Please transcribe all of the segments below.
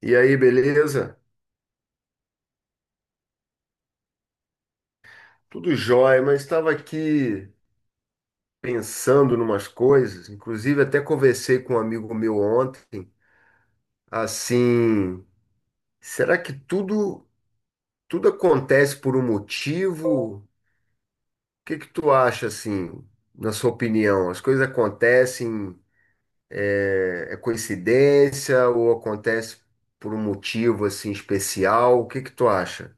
E aí, beleza? Tudo jóia, mas estava aqui pensando numas coisas, inclusive até conversei com um amigo meu ontem, assim, será que tudo acontece por um motivo? O que que tu acha assim, na sua opinião? As coisas acontecem, é coincidência ou acontece por um motivo assim especial? O que que tu acha?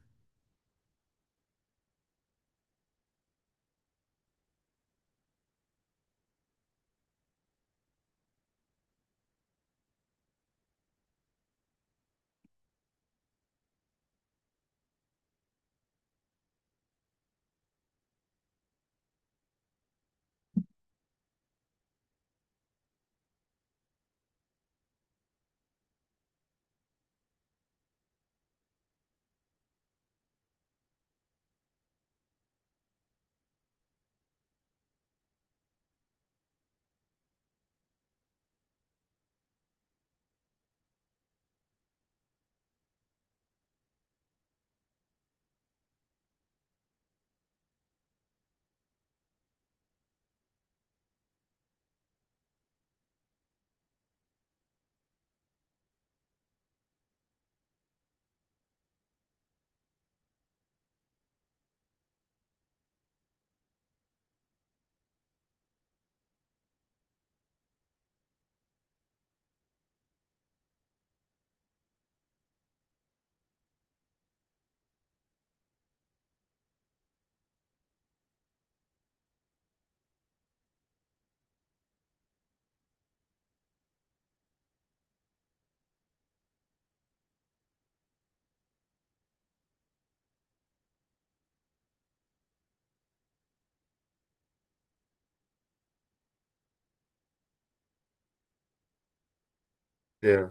É.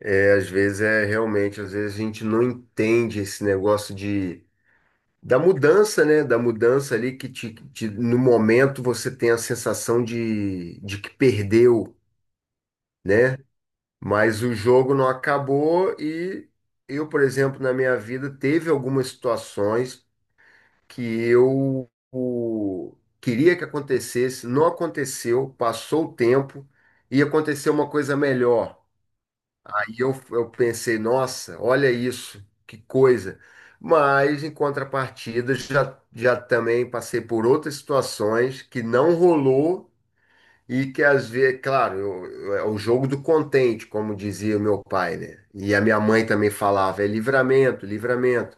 É, às vezes é realmente, às vezes a gente não entende esse negócio de da mudança, né? Da mudança ali que no momento você tem a sensação de que perdeu, né? Mas o jogo não acabou e eu, por exemplo, na minha vida teve algumas situações que queria que acontecesse, não aconteceu, passou o tempo e aconteceu uma coisa melhor. E eu pensei, nossa, olha isso, que coisa. Mas, em contrapartida, já também passei por outras situações que não rolou e que, às vezes, claro, é o jogo do contente, como dizia o meu pai, né? E a minha mãe também falava, é livramento, livramento.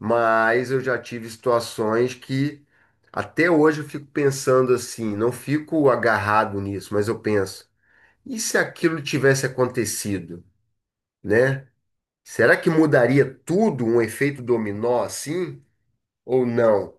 Mas eu já tive situações que, até hoje, eu fico pensando assim, não fico agarrado nisso, mas eu penso, e se aquilo tivesse acontecido, né? Será que mudaria tudo um efeito dominó assim? Ou não?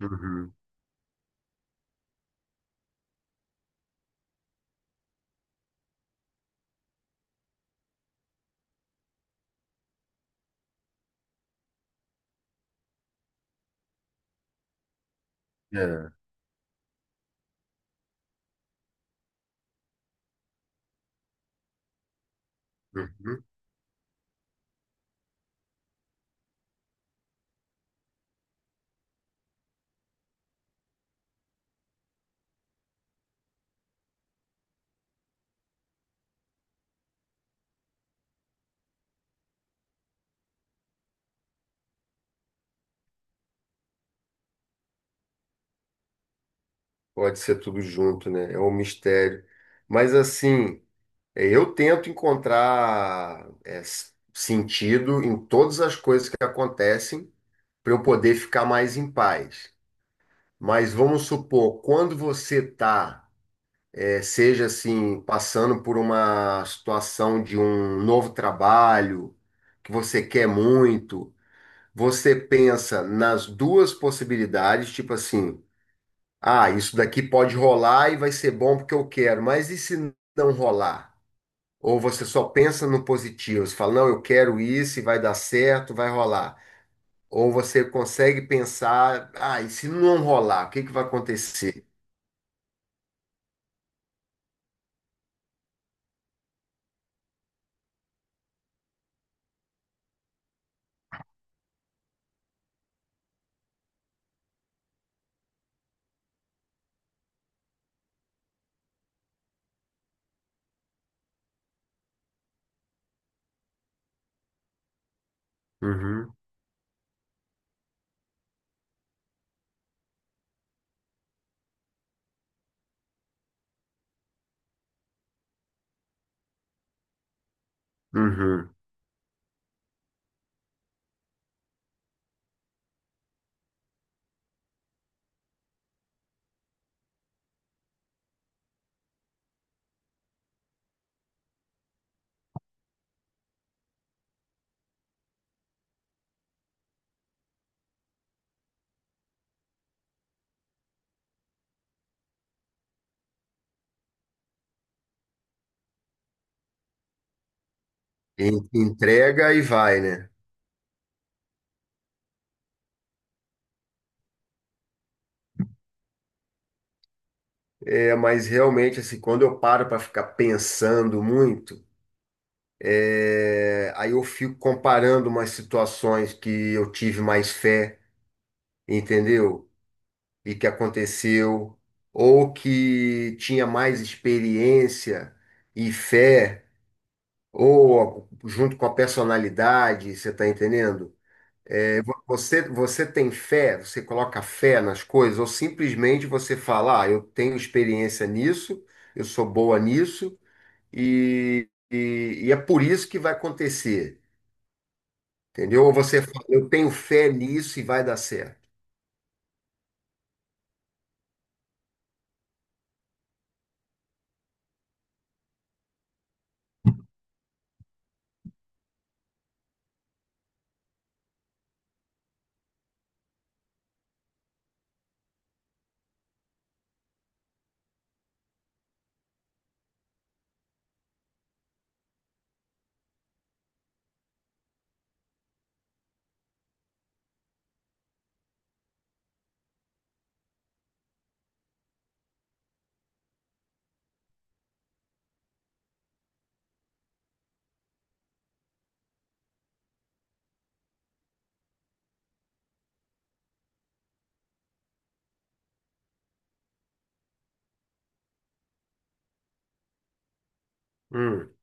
Uhum. É. Uhum. Pode ser tudo junto, né? É um mistério. Mas assim, eu tento encontrar sentido em todas as coisas que acontecem para eu poder ficar mais em paz. Mas vamos supor, quando você está, seja assim, passando por uma situação de um novo trabalho que você quer muito. Você pensa nas duas possibilidades, tipo assim, ah, isso daqui pode rolar e vai ser bom porque eu quero, mas e se não rolar? Ou você só pensa no positivo, você fala, não, eu quero isso e vai dar certo, vai rolar. Ou você consegue pensar, ah, e se não rolar, o que que vai acontecer? Uhum, uhum. En- Entrega e vai, né? É, mas realmente, assim, quando eu paro para ficar pensando muito, é, aí eu fico comparando umas situações que eu tive mais fé, entendeu? E que aconteceu, ou que tinha mais experiência e fé, ou junto com a personalidade, você está entendendo? É, você, você tem fé, você coloca fé nas coisas, ou simplesmente você fala, ah, eu tenho experiência nisso, eu sou boa nisso, e é por isso que vai acontecer. Entendeu? Ou você fala, eu tenho fé nisso e vai dar certo. Hum.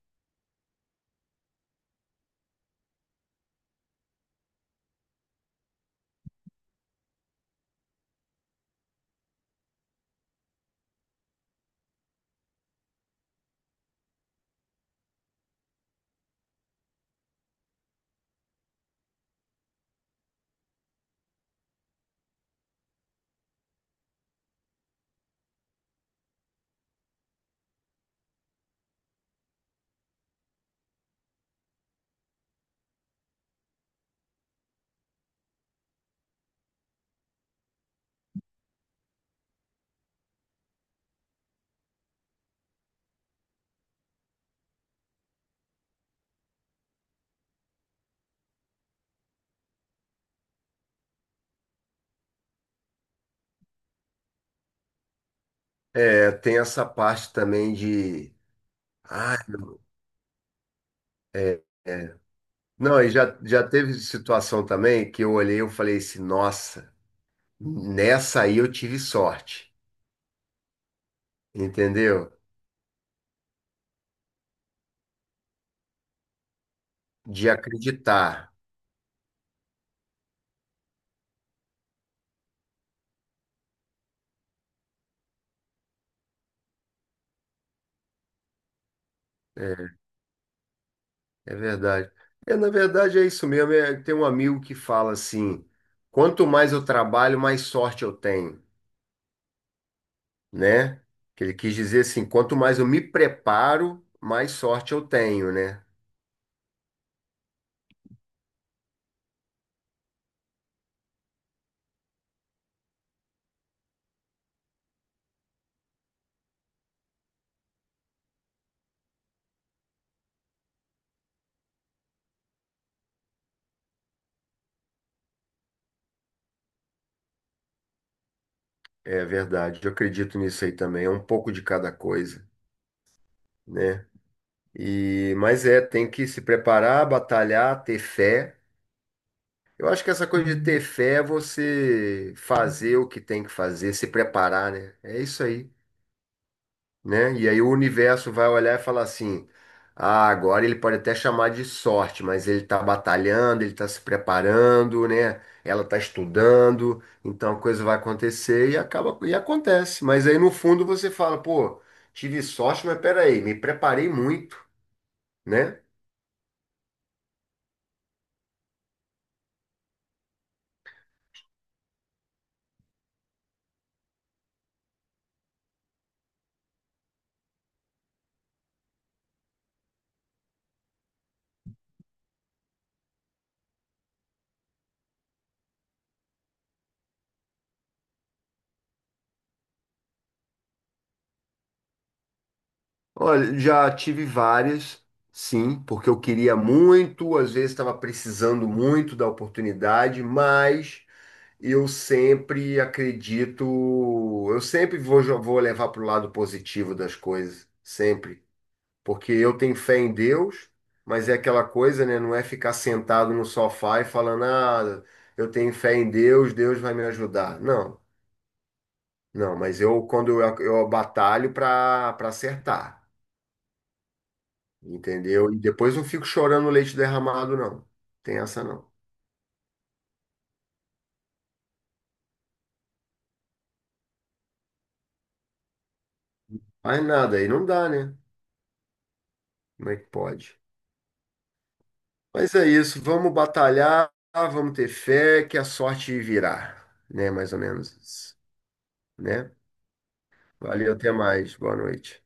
É, tem essa parte também de. Ah, é, é. Não, e já teve situação também que eu olhei e eu falei assim, nossa, nessa aí eu tive sorte, entendeu? De acreditar. É é verdade. É, na verdade é isso mesmo. É, tem um amigo que fala assim: quanto mais eu trabalho, mais sorte eu tenho. Né? Que ele quis dizer assim, quanto mais eu me preparo, mais sorte eu tenho, né? É verdade, eu acredito nisso aí também, é um pouco de cada coisa, né? E, mas é, tem que se preparar, batalhar, ter fé. Eu acho que essa coisa de ter fé é você fazer o que tem que fazer, se preparar, né? É isso aí. Né? E aí o universo vai olhar e falar assim: ah, agora ele pode até chamar de sorte, mas ele está batalhando, ele está se preparando, né? Ela está estudando, então a coisa vai acontecer e acaba e acontece. Mas aí no fundo você fala: pô, tive sorte, mas peraí, me preparei muito, né? Olha, já tive várias. Sim, porque eu queria muito, às vezes estava precisando muito da oportunidade, mas eu sempre acredito, eu sempre vou, vou levar para o lado positivo das coisas, sempre. Porque eu tenho fé em Deus, mas é aquela coisa, né? Não é ficar sentado no sofá e falando, ah, eu tenho fé em Deus, Deus vai me ajudar. Não, não, mas eu, eu batalho para acertar, entendeu? E depois não fico chorando leite derramado, não. Tem essa não. Mas nada, aí não dá, né? Como é que pode? Mas é isso, vamos batalhar, vamos ter fé que a sorte virá, né? Mais ou menos isso, né? Valeu, até mais, boa noite.